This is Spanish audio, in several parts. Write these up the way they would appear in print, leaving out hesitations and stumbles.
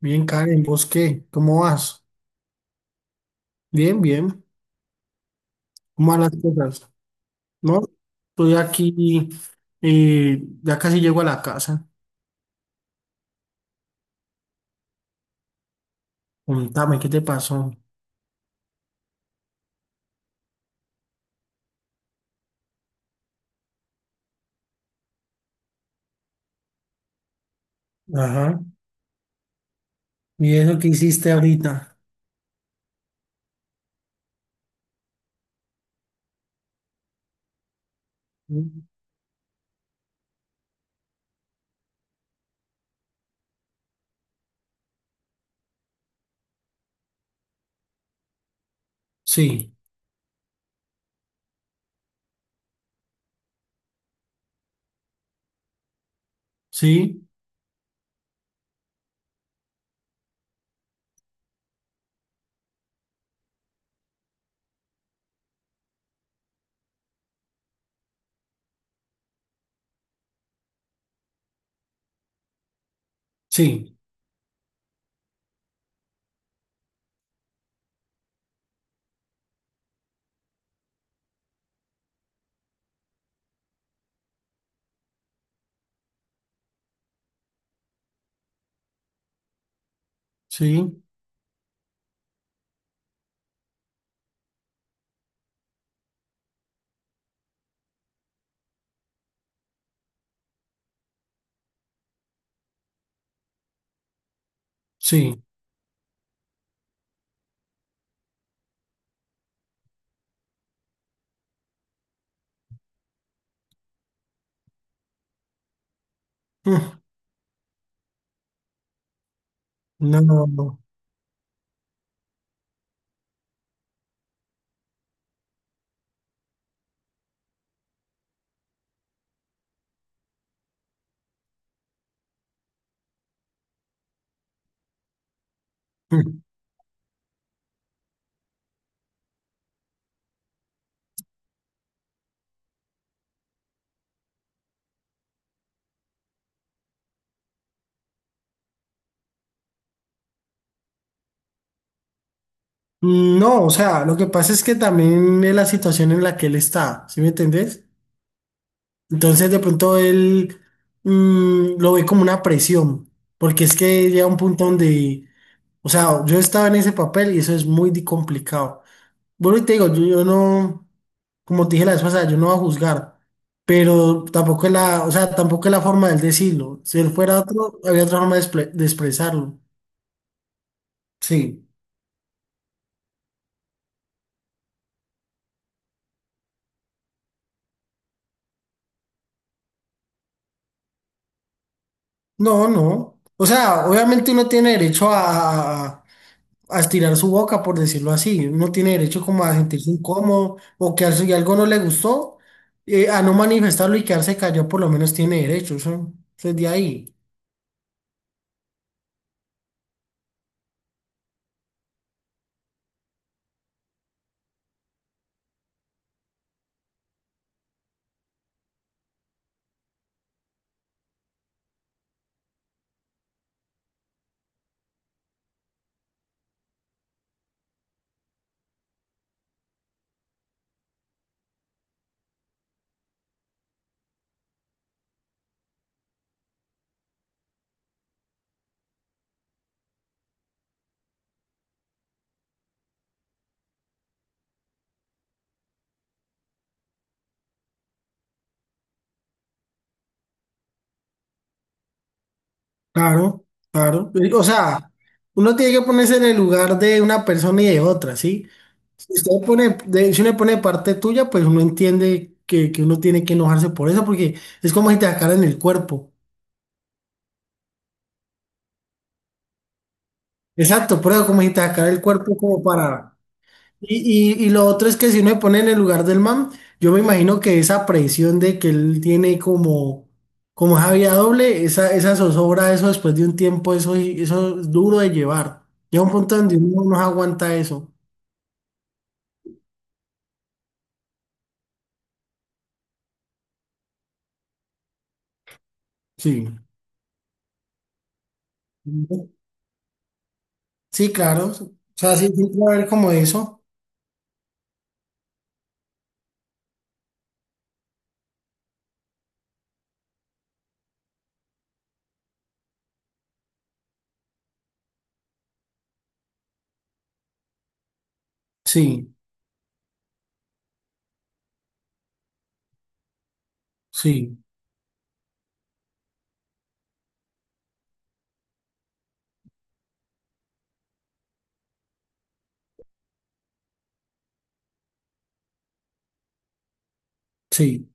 Bien, Karen, ¿vos qué? ¿Cómo vas? Bien, bien. ¿Cómo van las cosas? No, estoy aquí, ya casi llego a la casa. Contame, ¿qué te pasó? Ajá. ¿Y eso que hiciste ahorita? Sí, sí, sí, sí, sí. Mm. No, no, no. Mm. No, o sea, lo que pasa es que también es la situación en la que él está, ¿sí me entendés? Entonces de pronto él lo ve como una presión, porque es que llega un punto donde, o sea, yo estaba en ese papel y eso es muy complicado. Bueno, y te digo, yo no, como te dije la vez pasada, yo no voy a juzgar, pero tampoco es la, o sea, tampoco es la forma de decirlo. Si él fuera otro, había otra forma de, de expresarlo. Sí. No, no. O sea, obviamente uno tiene derecho a estirar su boca, por decirlo así. Uno tiene derecho como a sentirse incómodo o que si algo no le gustó, a no manifestarlo y quedarse callado, por lo menos tiene derecho. Eso es de ahí. Claro, claro. O sea, uno tiene que ponerse en el lugar de una persona y de otra, ¿sí? Si usted pone, si uno pone parte tuya, pues uno entiende que uno tiene que enojarse por eso, porque es como si te sacaran el cuerpo. Exacto, pero como si te sacaran el cuerpo como para... Y lo otro es que si uno se pone en el lugar del man, yo me imagino que esa presión de que él tiene como, como esa vía doble, esa zozobra, eso después de un tiempo, eso es duro de llevar. Llega un punto donde uno no aguanta eso. Sí. Sí, claro. O sea, sí, siempre va a haber como eso. Sí, sí, sí.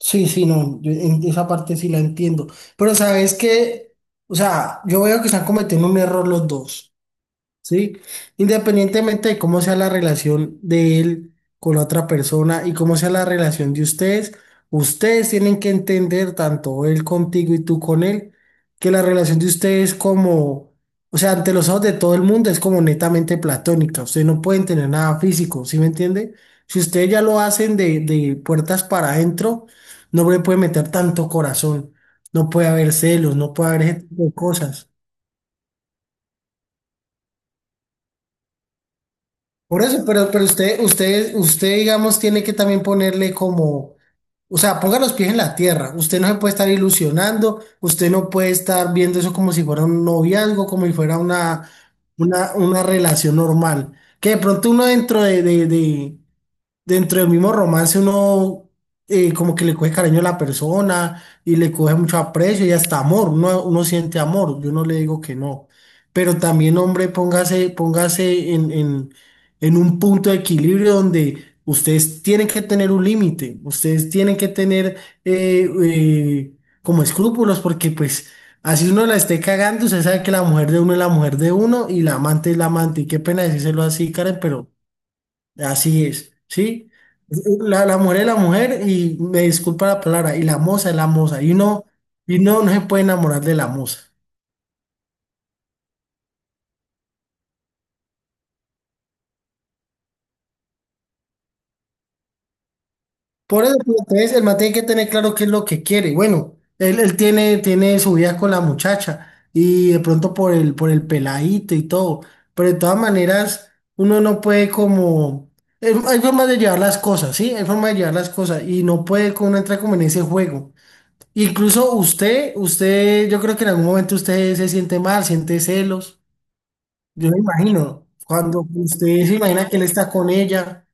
Sí, sí, no. Yo en esa parte sí la entiendo. Pero sabes que, o sea, yo veo que están cometiendo un error los dos. ¿Sí? Independientemente de cómo sea la relación de él con la otra persona y cómo sea la relación de ustedes, ustedes tienen que entender, tanto él contigo y tú con él, que la relación de ustedes como, o sea, ante los ojos de todo el mundo es como netamente platónica, ustedes no pueden tener nada físico, ¿sí me entiende? Si ustedes ya lo hacen de puertas para adentro, no le puede meter tanto corazón, no puede haber celos, no puede haber ese tipo de cosas. Por eso, pero usted, digamos, tiene que también ponerle como, o sea, ponga los pies en la tierra. Usted no se puede estar ilusionando, usted no puede estar viendo eso como si fuera un noviazgo, como si fuera una relación normal. Que de pronto uno dentro dentro del mismo romance uno como que le coge cariño a la persona y le coge mucho aprecio y hasta amor, uno, uno siente amor, yo no le digo que no, pero también hombre, póngase, póngase en un punto de equilibrio donde ustedes tienen que tener un límite, ustedes tienen que tener eh, eh, como escrúpulos porque pues... Así uno la esté cagando, usted sabe que la mujer de uno es la mujer de uno y la amante es la amante. Y qué pena decírselo así, Karen, pero así es, ¿sí? La mujer es la mujer y me disculpa la palabra, y la moza es la moza, y uno, y no se puede enamorar de la moza. Por eso, pues, entonces, el man tiene que tener claro qué es lo que quiere. Bueno, él tiene, tiene su vida con la muchacha y de pronto por por el peladito y todo, pero de todas maneras, uno no puede como... Hay formas de llevar las cosas, ¿sí? Hay formas de llevar las cosas y no puede como uno entrar como en ese juego. Incluso usted, yo creo que en algún momento usted se siente mal, siente celos. Yo me imagino, cuando usted se imagina que él está con ella,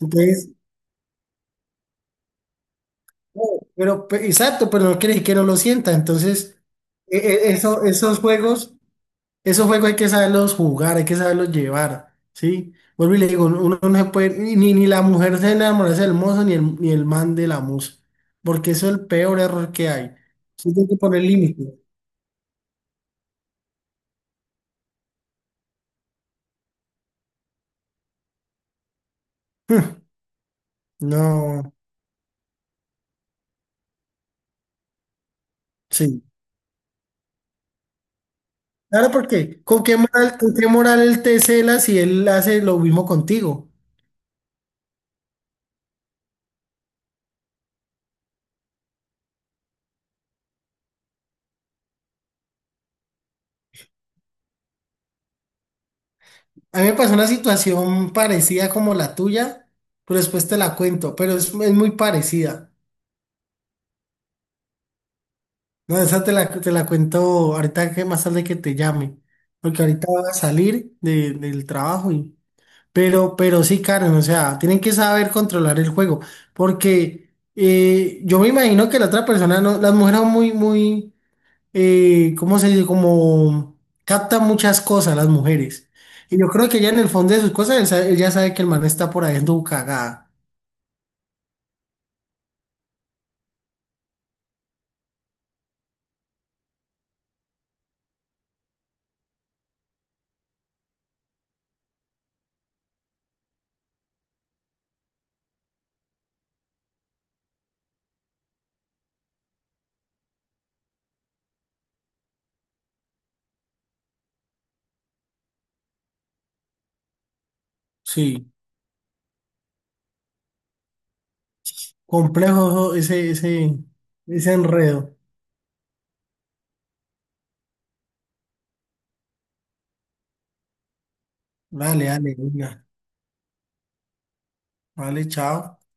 entonces, oh, pero exacto, pero no quiere decir que no lo sienta. Entonces, eso, esos juegos hay que saberlos jugar, hay que saberlos llevar, ¿sí? Vuelvo y le digo, uno no se puede, ni la mujer se enamorarse del mozo, ni el man de la musa, porque eso es el peor error que hay. Sí, hay que poner límites. No, sí. Claro, porque con qué moral él te cela si él hace lo mismo contigo? A mí me pasó una situación parecida como la tuya, pero después te la cuento, pero es muy parecida. No, esa te la cuento ahorita que más tarde que te llame, porque ahorita voy a salir del trabajo y... pero sí, Karen, o sea, tienen que saber controlar el juego, porque yo me imagino que la otra persona no, las mujeres son muy, muy ¿cómo se dice? Como capta muchas cosas las mujeres. Y yo creo que ella en el fondo de sus cosas, ella sabe que el man está por ahí en tu cagada. Sí, complejo ese, ese, ese enredo. Dale, dale, venga. Vale, chao.